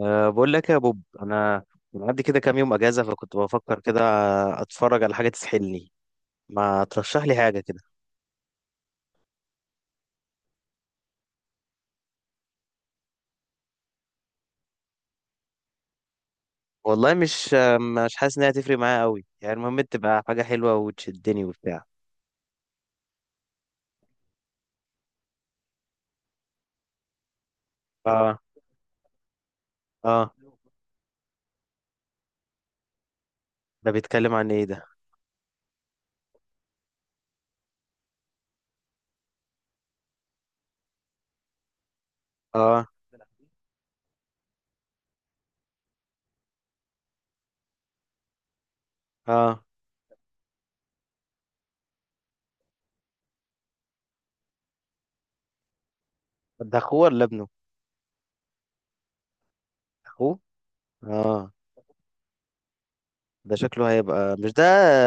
أه، بقول لك يا بوب، انا معدي كده كام يوم اجازه، فكنت بفكر كده اتفرج على حاجه تسحلني. ما ترشح لي حاجه كده؟ والله مش حاسس انها تفرق معايا قوي، يعني المهم تبقى حاجه حلوه وتشدني وبتاع. اه. اه، ده بيتكلم عن ايه ده؟ اه. اه، ده اخوه ولا ابنه؟ اخوه؟ اه. ده شكله هيبقى مش ده.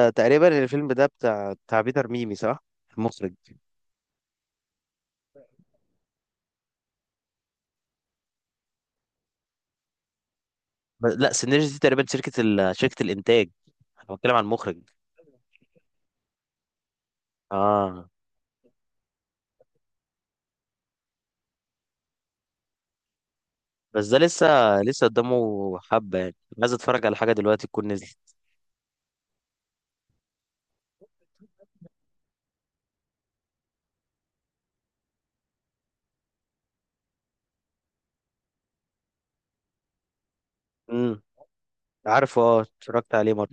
تقريبا الفيلم ده بتاع بيتر ميمي، صح؟ المخرج. لا، سينرجي دي تقريبا شركه الانتاج. انا بتكلم عن المخرج. اه. بس ده لسه، لسه قدامه حبة يعني. عايز اتفرج على حاجة دلوقتي تكون نزلت. امم. عارفه، اه اتفرجت عليه مرة.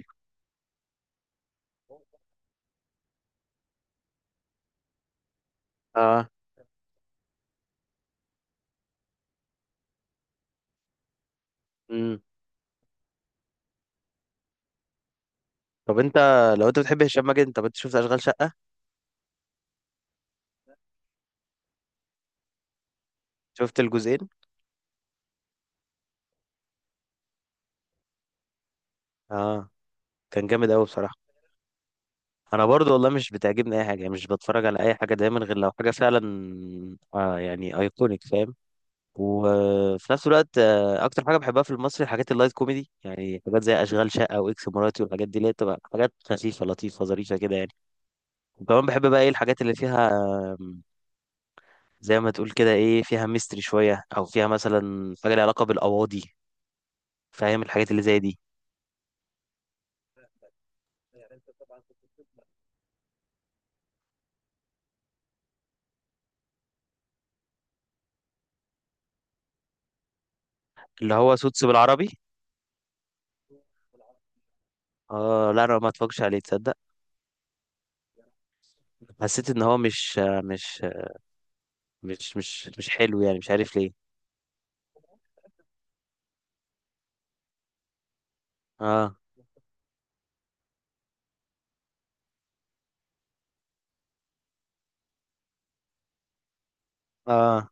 اه. امم. طب انت، لو انت بتحب هشام ماجد، انت شفت اشغال شقة؟ شفت الجزئين؟ اه. كان جامد قوي بصراحة. انا برضو والله مش بتعجبني اي حاجة، يعني مش بتفرج على اي حاجة دايما غير لو حاجة فعلا يعني ايكونيك، فاهم؟ وفي نفس الوقت، اكتر حاجة بحبها في المصري حاجات اللايت كوميدي، يعني حاجات زي اشغال شقة واكس مراتي والحاجات دي، اللي هي بتبقى حاجات خفيفة لطيفة ظريفة كده يعني. وكمان بحب بقى ايه الحاجات اللي فيها، آم، زي ما تقول كده، ايه، فيها ميستري شوية، او فيها مثلا حاجة ليها علاقة بالقواضي. فاهم الحاجات اللي زي دي؟ اللي هو سوتس بالعربي. اه لا، انا ما اتفرجش عليه، تصدق. حسيت ان هو مش مش حلو يعني، مش عارف ليه. اه. اه،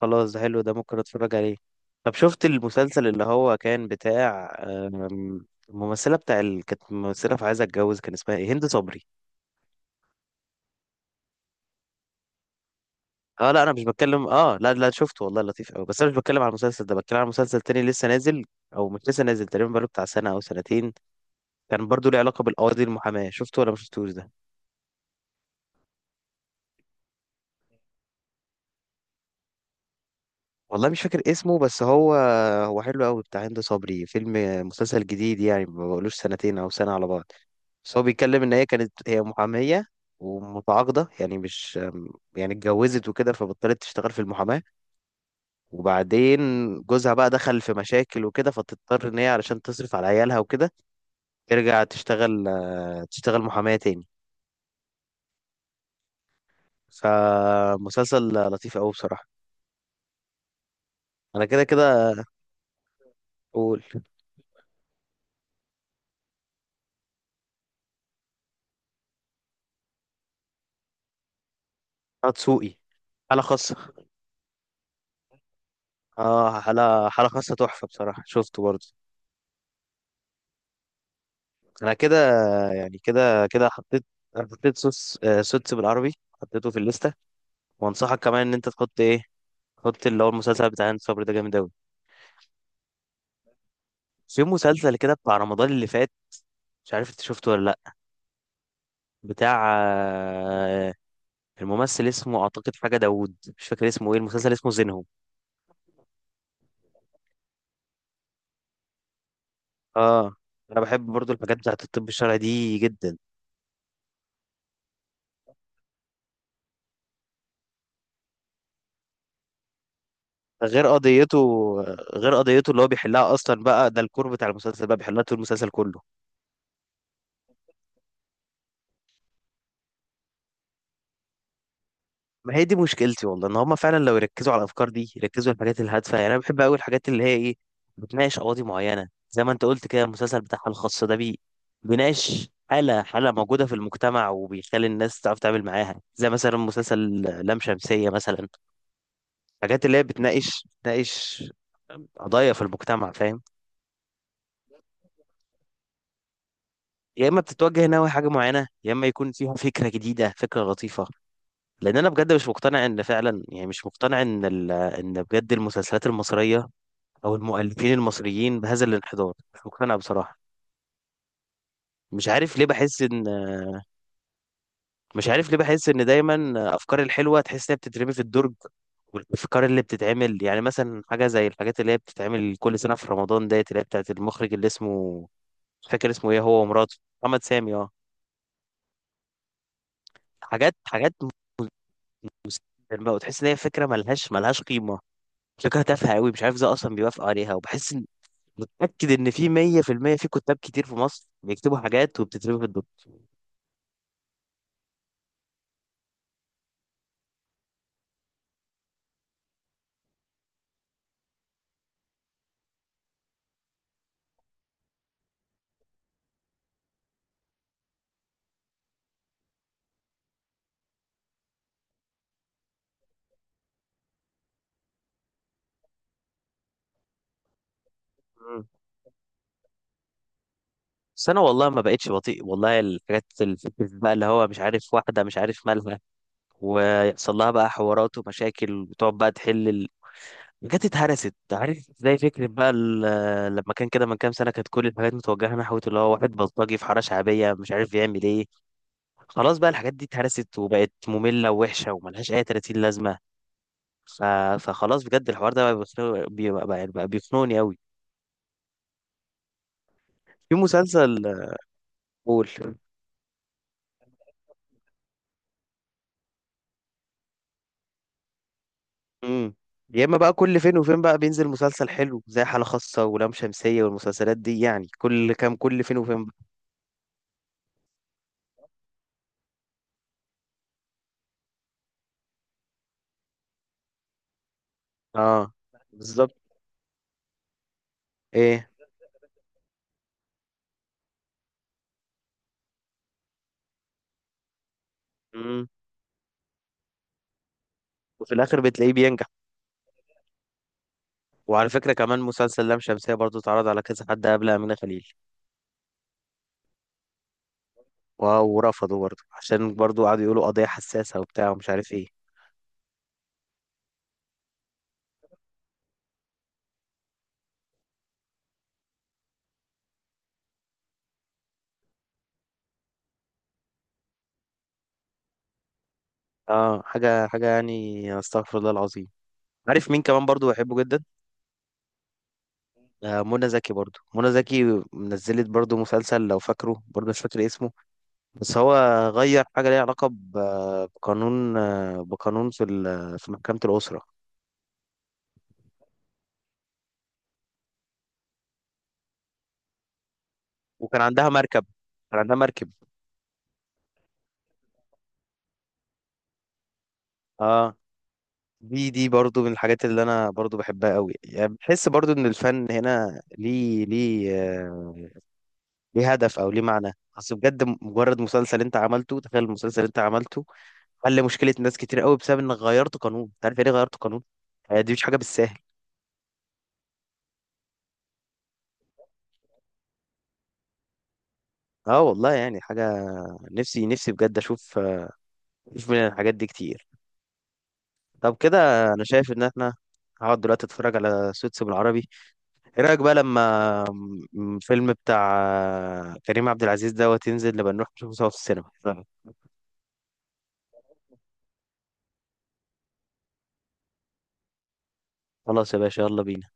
خلاص، ده حلو، ده ممكن اتفرج عليه. طب شفت المسلسل اللي هو كان بتاع، الممثلة بتاع كانت ممثلة في عايزة اتجوز، كان اسمها ايه، هند صبري. اه لا، انا مش بتكلم، اه لا لا، شفته والله لطيف قوي، بس انا مش بتكلم على المسلسل ده، بتكلم على مسلسل تاني لسه نازل، او مش لسه نازل، تقريبا بقاله بتاع سنه او سنتين. كان برضو ليه علاقه بالقواضي المحاماه، شفته ولا ما شفتوش ده؟ والله مش فاكر اسمه، بس هو حلو قوي بتاع هند صبري. فيلم، مسلسل جديد يعني، ما بقولوش سنتين او سنه على بعض. بس هو بيتكلم ان هي كانت هي محاميه ومتعاقده، يعني مش، يعني اتجوزت وكده فبطلت تشتغل في المحاماه، وبعدين جوزها بقى دخل في مشاكل وكده، فتضطر ان هي علشان تصرف على عيالها وكده ترجع تشتغل، تشتغل محامية تاني. فمسلسل لطيف أوي بصراحة. أنا كده كده أقول، هتسوقي حالة خاصة. اه، حالة خاصة، تحفة بصراحة، شفته برضه. أنا كده، يعني كده كده، حطيت، حطيت سوس آه، سوتس بالعربي، حطيته في الليستة. وأنصحك كمان إن أنت تحط إيه، تحط اللي هو المسلسل بتاع هند صبري ده، جامد أوي. في مسلسل كده بتاع رمضان اللي فات، مش عارف أنت شفته ولا لأ، بتاع، الممثل اسمه أعتقد حاجة داوود، مش فاكر اسمه إيه، المسلسل اسمه زينهم. اه. انا بحب برضو الحاجات بتاعت الطب الشرعي دي جدا. غير قضيته غير قضيته اللي هو بيحلها اصلا بقى، ده الكور بتاع المسلسل بقى، بيحلها طول المسلسل كله. ما هي دي مشكلتي والله، ان هما فعلا لو يركزوا على الافكار دي، يركزوا على الحاجات الهادفه يعني. انا بحب قوي الحاجات اللي هي ايه، قواضي معينه. زي ما انت قلت كده، المسلسل بتاعها الخاص ده، بيناقش حاله موجوده في المجتمع، وبيخلي الناس تعرف تتعامل معاها، زي مثلا مسلسل لام شمسيه مثلا. الحاجات اللي هي بتناقش قضايا في المجتمع، فاهم؟ يا اما بتتوجه ناوي حاجه معينه، يا اما يكون فيها فكره جديده، فكره لطيفه. لان انا بجد مش مقتنع ان فعلا، يعني مش مقتنع ان ان بجد المسلسلات المصريه او المؤلفين المصريين بهذا الانحدار، مش مقتنع بصراحه. مش عارف ليه بحس ان مش عارف ليه بحس ان دايما افكار الحلوه تحس انها بتترمي في الدرج. والافكار اللي بتتعمل يعني، مثلا حاجه زي الحاجات اللي هي بتتعمل كل سنه في رمضان ديت، اللي هي بتاعت المخرج اللي اسمه، مش فاكر اسمه ايه، هو ومراته محمد سامي. اه. حاجات الماء، وتحس ان هي فكره ملهاش قيمه، فكره تافهه قوي، مش عارف ازاي اصلا بيوافقوا عليها. وبحس ان، متاكد ان في 100% في المية في كتاب كتير في مصر بيكتبوا حاجات وبتترمي في الدكتور. مم. بس انا والله ما بقتش بطيء والله. الحاجات الفكره بقى اللي هو مش عارف واحده، مش عارف مالها، ويحصل لها بقى حوارات ومشاكل، وتقعد بقى تحل الحاجات اتهرست، عارف. زي فكره بقى لما كان كده من كام سنه، كانت كل الحاجات متوجهه نحو اللي هو واحد بلطجي في حاره شعبيه مش عارف يعمل ايه. خلاص بقى الحاجات دي اتهرست، وبقت مملة ووحشة وملهاش أي 30 لازمة. ف... فخلاص بجد، الحوار ده بقى بيخنق... بيبقى بقى بقى بيخنقني قوي. في مسلسل، قول. امم. يا اما بقى كل فين وفين بقى بينزل مسلسل حلو زي حالة خاصة ولام شمسية والمسلسلات دي يعني، كل كام، كل فين وفين بقى. اه، بالظبط. ايه. امم. وفي الاخر بتلاقيه بينجح. وعلى فكرة كمان مسلسل لام شمسية برضو اتعرض على كذا حد قبل أمينة خليل. و- ورفضوا برضو، عشان برضو قعدوا يقولوا قضية حساسة وبتاع ومش عارف ايه. اه، حاجة يعني، استغفر الله العظيم. عارف مين كمان برضو بحبه جدا؟ منى زكي. برضو منى زكي نزلت برضو مسلسل لو فاكره، برضو مش فاكر اسمه، بس هو غير حاجة ليها علاقة بقانون في في محكمة الأسرة. وكان عندها مركب كان عندها مركب. اه. دي برضو من الحاجات اللي انا برضو بحبها قوي يعني، بحس برضو ان الفن هنا ليه هدف او ليه معنى. اصل بجد مجرد مسلسل انت عملته، تخيل المسلسل اللي انت عملته حل مشكله ناس كتير قوي بسبب انك غيرت قانون، انت عارف يعني ايه غيرت قانون؟ دي مش حاجه بالساهل. اه والله، يعني حاجه، نفسي بجد اشوف من الحاجات دي كتير. طب كده، انا شايف ان احنا، هقعد دلوقتي اتفرج على سوتس بالعربي. ايه رايك بقى لما الفيلم بتاع، كريم عبد العزيز دوت، ينزل نبقى نروح نشوفه سوا في السينما؟ خلاص يا باشا، يلا بينا.